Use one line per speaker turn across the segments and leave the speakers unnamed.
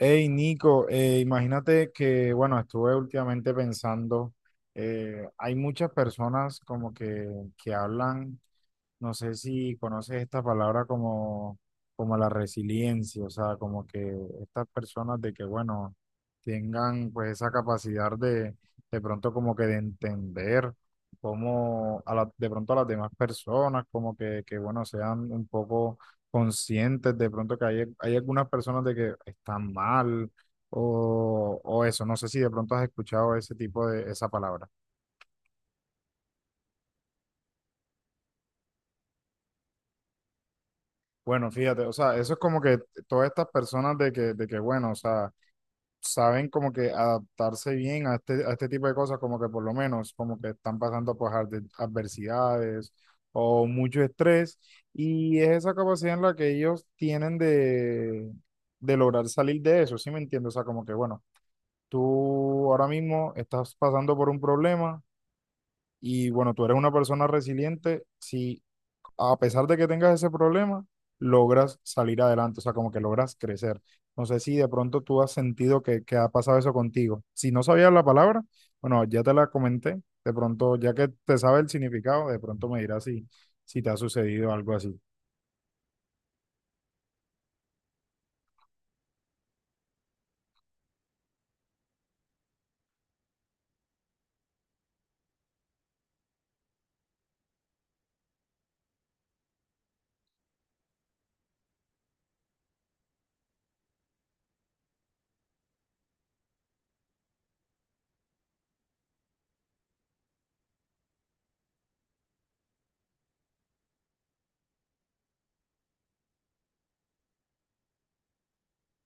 Hey Nico, imagínate que, bueno, estuve últimamente pensando, hay muchas personas como que hablan, no sé si conoces esta palabra, como, como la resiliencia, o sea, como que estas personas de que, bueno, tengan pues esa capacidad de pronto como que de entender cómo de pronto a las demás personas, como que bueno, sean un poco conscientes de pronto que hay algunas personas de que están mal o eso. No sé si de pronto has escuchado ese tipo de, esa palabra. Bueno, fíjate, o sea, eso es como que todas estas personas de que bueno, o sea, saben como que adaptarse bien a este tipo de cosas, como que por lo menos, como que están pasando por adversidades o mucho estrés, y es esa capacidad en la que ellos tienen de lograr salir de eso. ¿Sí me entiendes? O sea, como que, bueno, tú ahora mismo estás pasando por un problema y, bueno, tú eres una persona resiliente, sí, a pesar de que tengas ese problema, logras salir adelante, o sea, como que logras crecer. No sé si de pronto tú has sentido que ha pasado eso contigo. Si no sabías la palabra, bueno, ya te la comenté, de pronto, ya que te sabe el significado, de pronto me dirás si te ha sucedido algo así.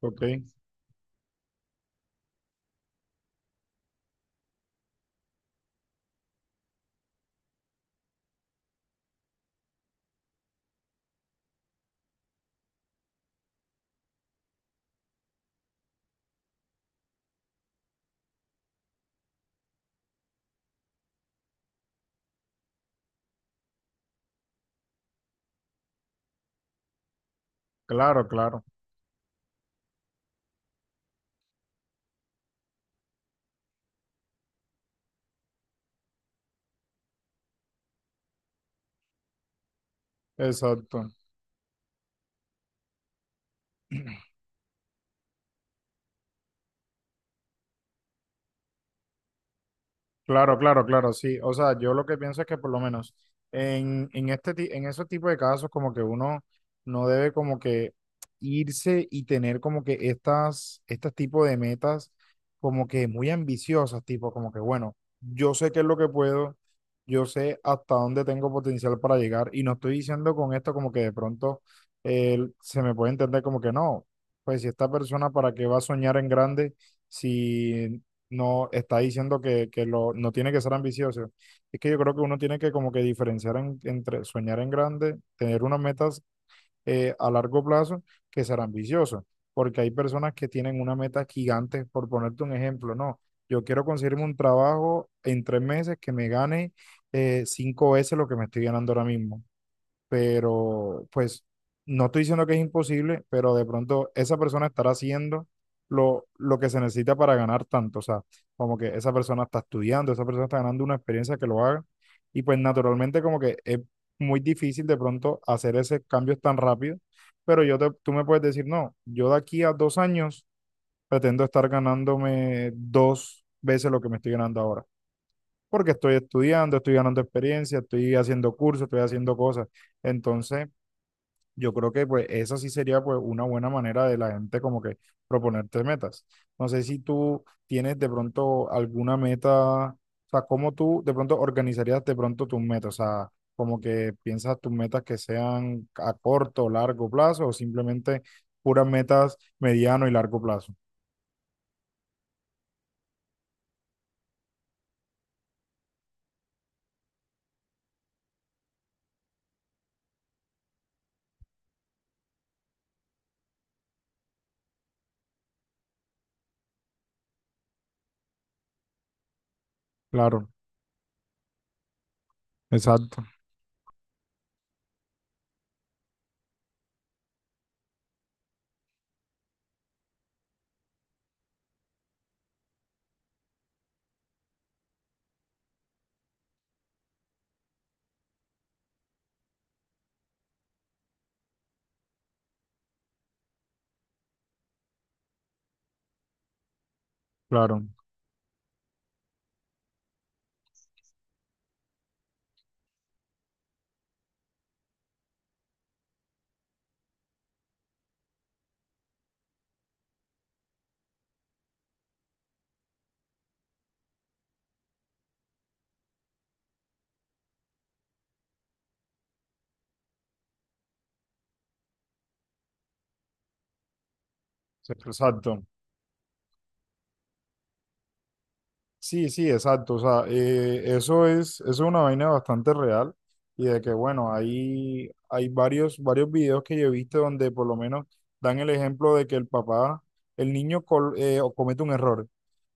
Ok, claro, claro, exacto. Claro, claro, claro, sí. O sea, yo lo que pienso es que por lo menos en este, en esos tipos de casos como que uno no debe como que irse y tener como que estas, estos tipo de metas como que muy ambiciosas, tipo como que bueno, yo sé qué es lo que puedo, yo sé hasta dónde tengo potencial para llegar, y no estoy diciendo con esto como que de pronto, se me puede entender como que no, pues si esta persona para qué va a soñar en grande si no está diciendo que lo, no tiene que ser ambicioso. Es que yo creo que uno tiene que como que diferenciar entre soñar en grande, tener unas metas a largo plazo, que ser ambicioso, porque hay personas que tienen una meta gigante, por ponerte un ejemplo, no, yo quiero conseguirme un trabajo en 3 meses que me gane, cinco veces lo que me estoy ganando ahora mismo, pero pues no estoy diciendo que es imposible, pero de pronto esa persona estará haciendo lo que se necesita para ganar tanto, o sea, como que esa persona está estudiando, esa persona está ganando una experiencia que lo haga, y pues naturalmente como que es muy difícil de pronto hacer ese cambio tan rápido, pero yo tú me puedes decir, no, yo de aquí a 2 años pretendo estar ganándome dos veces lo que me estoy ganando ahora. Porque estoy estudiando, estoy ganando experiencia, estoy haciendo cursos, estoy haciendo cosas. Entonces, yo creo que pues esa sí sería pues una buena manera de la gente como que proponerte metas. No sé si tú tienes de pronto alguna meta, o sea, cómo tú de pronto organizarías de pronto tus metas, o sea, como que piensas tus metas que sean a corto o largo plazo, o simplemente puras metas mediano y largo plazo. Claro, exacto, claro, exacto. Sí, sí, exacto. O sea, eso es una vaina bastante real, y de que, bueno, hay varios, varios videos que yo he visto donde por lo menos dan el ejemplo de que el papá, el niño o comete un error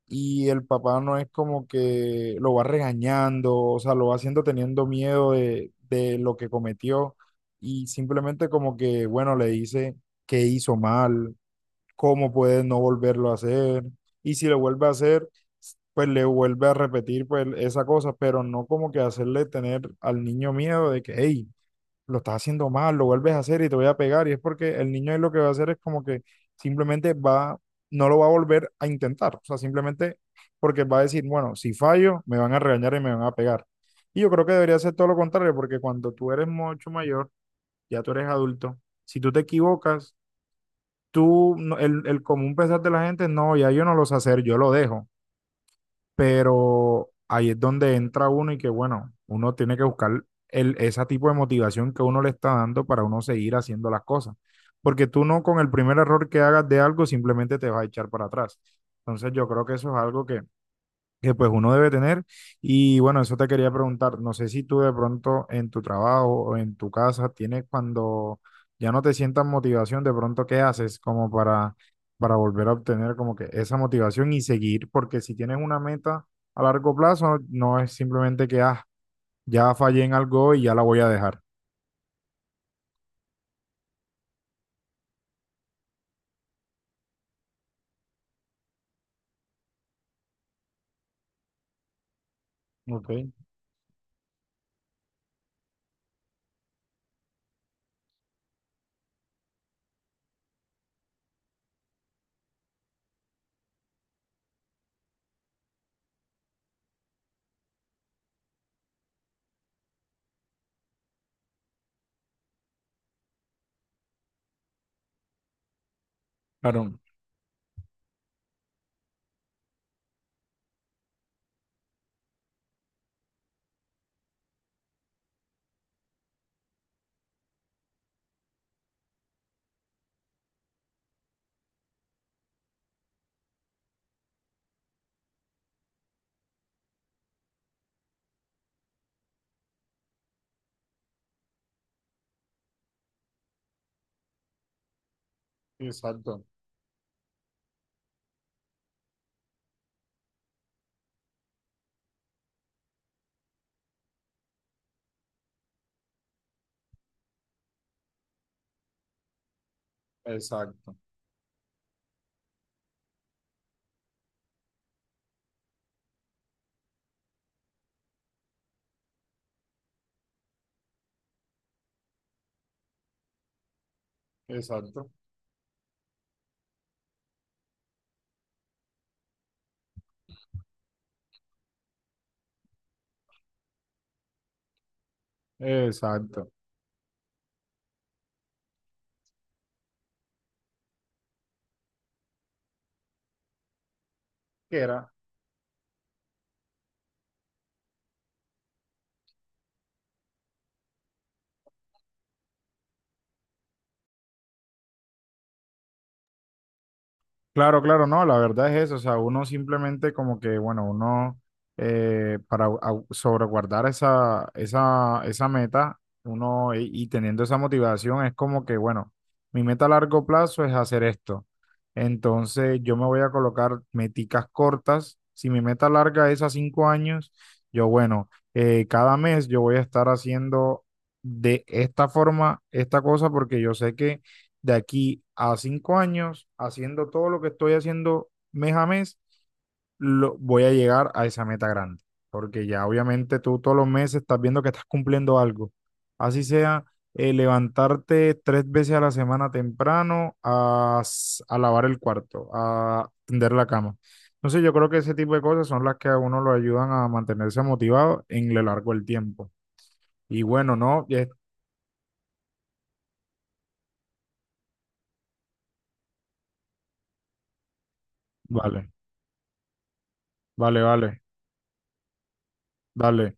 y el papá no es como que lo va regañando, o sea, lo va haciendo teniendo miedo de lo que cometió, y simplemente como que, bueno, le dice que hizo mal, cómo puede no volverlo a hacer. Y si lo vuelve a hacer, pues le vuelve a repetir pues esa cosa, pero no como que hacerle tener al niño miedo de que, hey, lo estás haciendo mal, lo vuelves a hacer y te voy a pegar. Y es porque el niño ahí lo que va a hacer es como que simplemente va, no lo va a volver a intentar. O sea, simplemente porque va a decir, bueno, si fallo, me van a regañar y me van a pegar. Y yo creo que debería ser todo lo contrario, porque cuando tú eres mucho mayor, ya tú eres adulto, si tú te equivocas, tú, el común pensar de la gente, no, ya yo no lo sé hacer, yo lo dejo. Pero ahí es donde entra uno y que, bueno, uno tiene que buscar el, ese tipo de motivación que uno le está dando para uno seguir haciendo las cosas. Porque tú no con el primer error que hagas de algo simplemente te vas a echar para atrás. Entonces yo creo que eso es algo que pues uno debe tener. Y bueno, eso te quería preguntar, no sé si tú de pronto en tu trabajo o en tu casa tienes, cuando ya no te sientas motivación, de pronto qué haces como para volver a obtener como que esa motivación y seguir, porque si tienes una meta a largo plazo, no es simplemente que ah, ya fallé en algo y ya la voy a dejar. Ok. Claro. Exacto, exacto, exacto, exacto. Exacto. ¿Qué era? Claro, claro, no, la verdad es eso, o sea, uno simplemente como que, bueno, uno, para sobreguardar esa, esa, esa meta, uno y teniendo esa motivación es como que, bueno, mi meta a largo plazo es hacer esto, entonces yo me voy a colocar meticas cortas, si mi meta larga es a 5 años, yo, bueno, cada mes yo voy a estar haciendo de esta forma esta cosa porque yo sé que de aquí a 5 años, haciendo todo lo que estoy haciendo mes a mes, lo, voy a llegar a esa meta grande. Porque ya obviamente tú todos los meses estás viendo que estás cumpliendo algo. Así sea, levantarte tres veces a la semana temprano a lavar el cuarto, a tender la cama. Entonces yo creo que ese tipo de cosas son las que a uno lo ayudan a mantenerse motivado en lo largo del tiempo. Y bueno, no, vale, vale, vale, dale.